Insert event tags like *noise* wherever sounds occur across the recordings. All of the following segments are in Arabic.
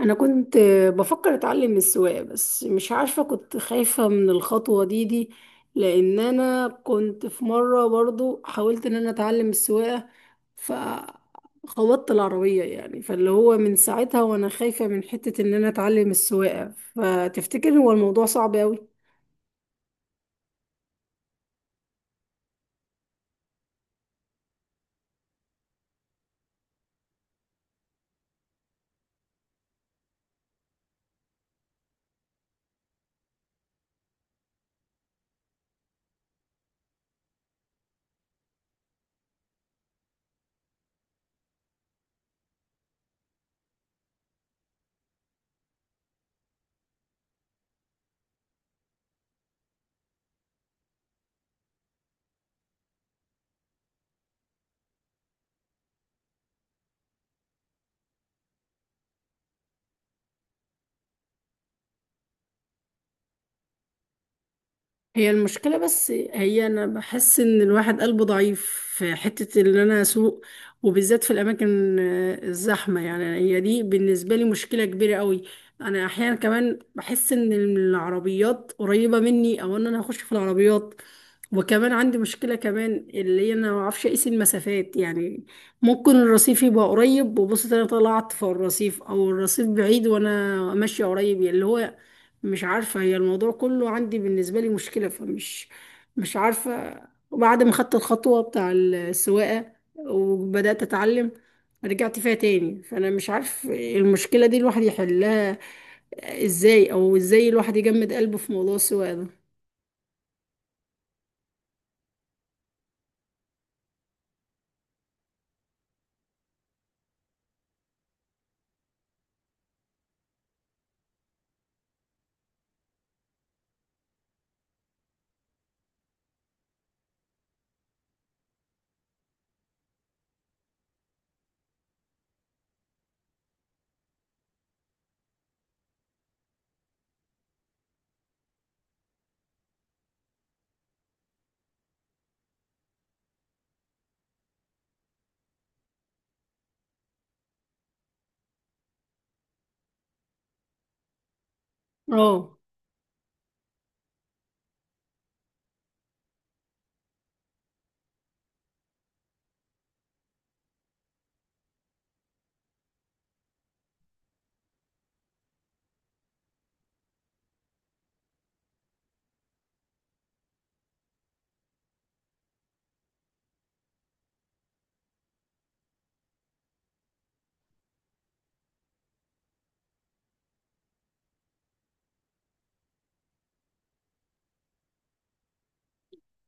انا كنت بفكر اتعلم السواقه، بس مش عارفه كنت خايفه من الخطوه دي. لان انا كنت في مره برضو حاولت ان انا اتعلم السواقه، فخبطت العربيه يعني، فاللي هو من ساعتها وانا خايفه من حته ان انا اتعلم السواقه. فتفتكر هو الموضوع صعب قوي؟ هي المشكلة، بس هي أنا بحس إن الواحد قلبه ضعيف في حتة إن أنا أسوق، وبالذات في الأماكن الزحمة، يعني هي دي بالنسبة لي مشكلة كبيرة قوي. أنا أحيانا كمان بحس إن العربيات قريبة مني، أو إن أنا هخش في العربيات. وكمان عندي مشكلة كمان اللي هي أنا ما أعرفش أقيس المسافات، يعني ممكن الرصيف يبقى قريب وبص أنا طلعت في الرصيف، أو الرصيف بعيد وأنا ماشية قريب، يعني اللي هو مش عارفة. هي الموضوع كله عندي بالنسبة لي مشكلة، فمش مش عارفة. وبعد ما خدت الخطوة بتاع السواقة وبدأت أتعلم، رجعت فيها تاني. فأنا مش عارف المشكلة دي الواحد يحلها إزاي، أو إزاي الواحد يجمد قلبه في موضوع السواقة ده. اه،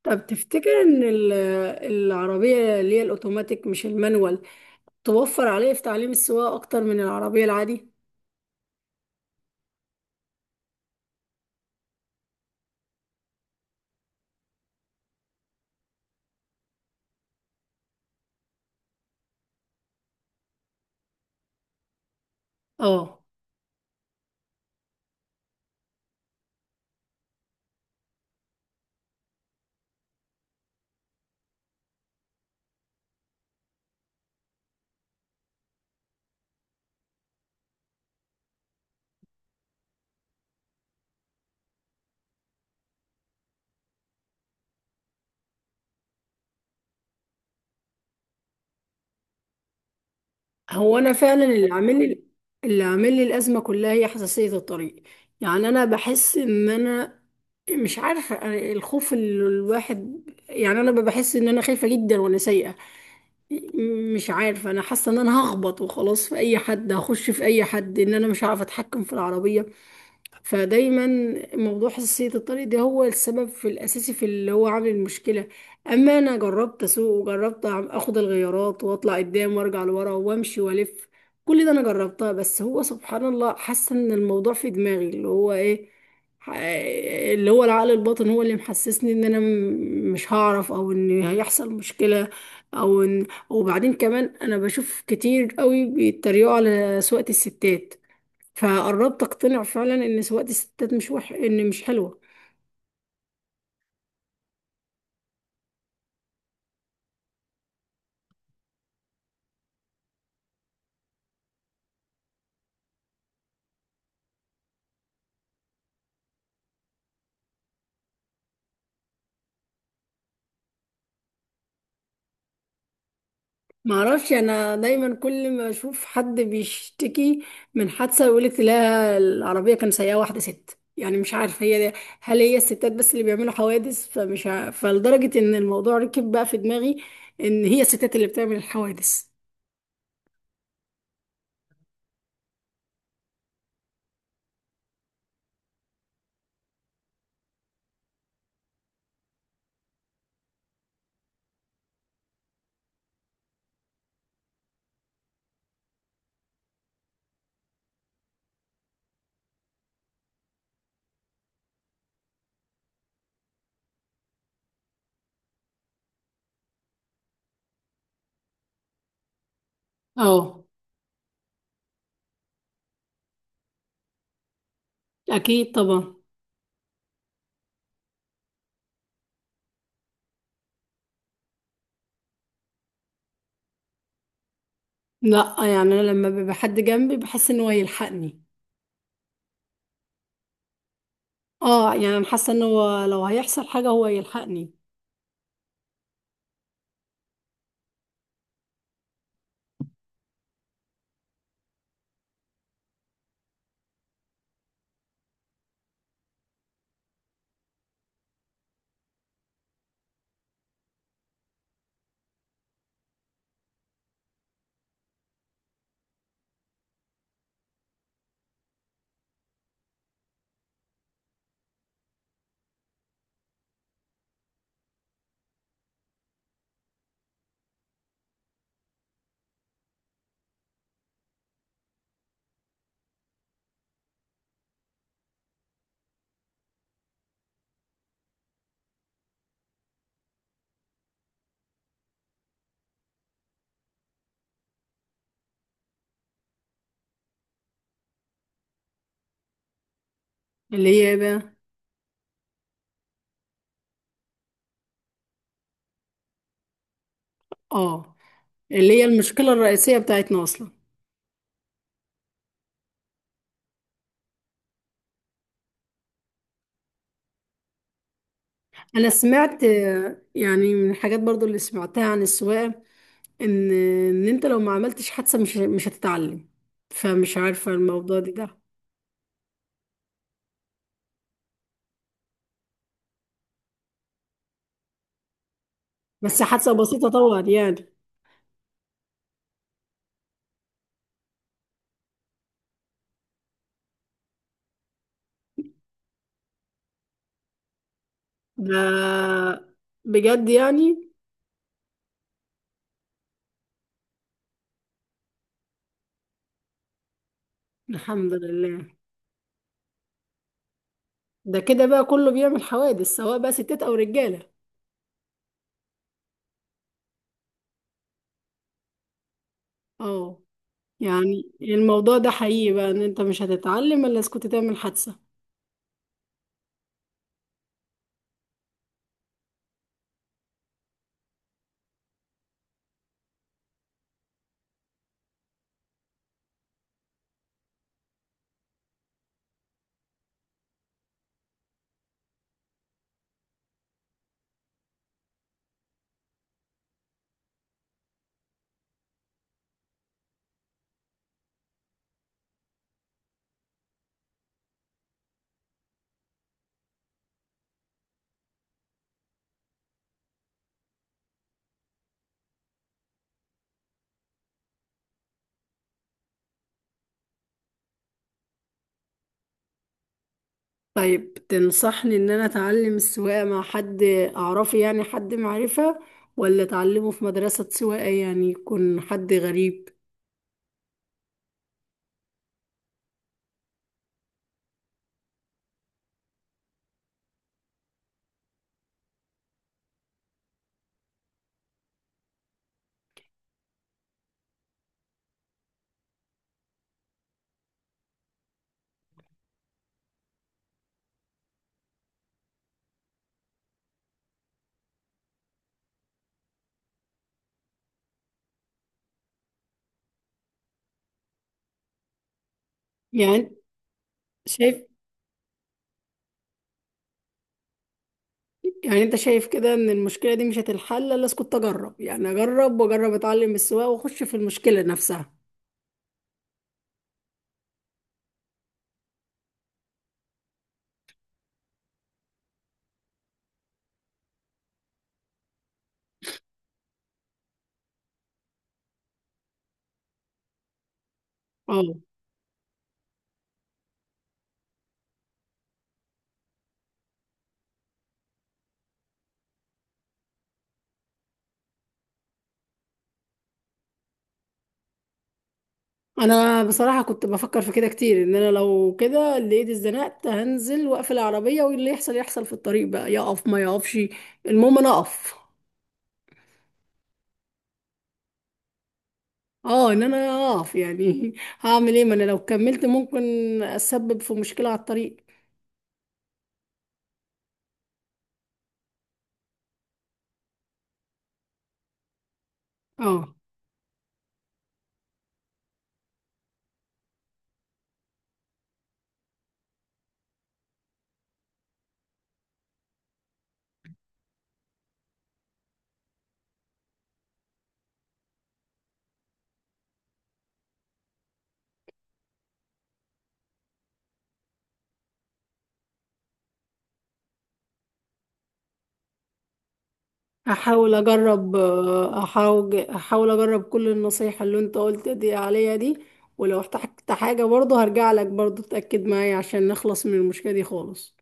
طب تفتكر إن العربية اللي هي الأوتوماتيك مش المانوال توفر عليه في تعليم السواقة أكتر من العربية العادي؟ اه. هو انا فعلا اللي عامل لي الازمه كلها هي حساسيه الطريق. يعني انا بحس ان انا مش عارفه، أنا الخوف اللي الواحد، يعني انا بحس ان انا خايفه جدا وانا سايقه. مش عارفه، انا حاسه ان انا هخبط وخلاص في اي حد، هخش في اي حد، ان انا مش عارفه اتحكم في العربيه. فدايما موضوع حساسية الطريق ده هو السبب في الأساسي في اللي هو عامل المشكلة. أما أنا جربت أسوق، وجربت أخد الغيارات وأطلع قدام وأرجع لورا وأمشي وألف، كل ده أنا جربتها. بس هو سبحان الله، حاسة إن الموضوع في دماغي اللي هو إيه، ح- اللي هو العقل الباطن هو اللي محسسني إن أنا مش هعرف، أو إن هيحصل مشكلة، أو إن وبعدين كمان أنا بشوف كتير قوي بيتريقوا على سواقة الستات، فقربت اقتنع فعلا ان سواقة الستات مش ان مش حلوة. معرفش، انا دايما كل ما اشوف حد بيشتكي من حادثة، يقولك لا العربية كان سايقة واحدة ست. يعني مش عارفة هي دي، هل هي الستات بس اللي بيعملوا حوادث؟ فلدرجة ان الموضوع ركب بقى في دماغي ان هي الستات اللي بتعمل الحوادث. اه، اكيد طبعا. لا، يعني انا لما بيبقى حد جنبي بحس ان هو يلحقني. اه، يعني انا حاسة ان هو لو هيحصل حاجة هو يلحقني. اللي هي إيه بقى؟ اه، اللي هي المشكلة الرئيسية بتاعتنا أصلا. أنا سمعت يعني من الحاجات برضو اللي سمعتها عن السواقة، إن إن أنت لو ما عملتش حادثة مش هتتعلم. فمش عارفة الموضوع دي ده. بس حادثة بسيطة طبعا يعني. ده بجد يعني؟ الحمد لله. ده كده بقى كله بيعمل حوادث، سواء بقى ستات أو رجالة. اه، يعني الموضوع ده حقيقي بقى إن أنت مش هتتعلم إلا إذا كنت تعمل حادثة؟ طيب، تنصحني ان انا اتعلم السواقة مع حد اعرفه، يعني حد معرفة، ولا اتعلمه في مدرسة سواقة يعني يكون حد غريب؟ يعني شايف. يعني انت شايف كده ان المشكلة دي مش هتتحل الا اسكت اجرب، يعني اجرب واجرب، اتعلم السواقة واخش في المشكلة نفسها. اه، انا بصراحة كنت بفكر في كده كتير، ان انا لو كده اللي ايدي اتزنقت هنزل واقفل العربية، واللي يحصل يحصل في الطريق، بقى يقف ما يقفش، المهم انا اقف. اه، ان انا اقف يعني *laughs* هعمل ايه، ما انا لو كملت ممكن اسبب في مشكلة على الطريق. اه، احاول اجرب احاول اجرب كل النصايح اللي انت قلت دي عليا دي. ولو احتجت حاجة برضه هرجع لك برضه، تأكد معايا عشان نخلص من المشكلة دي خالص.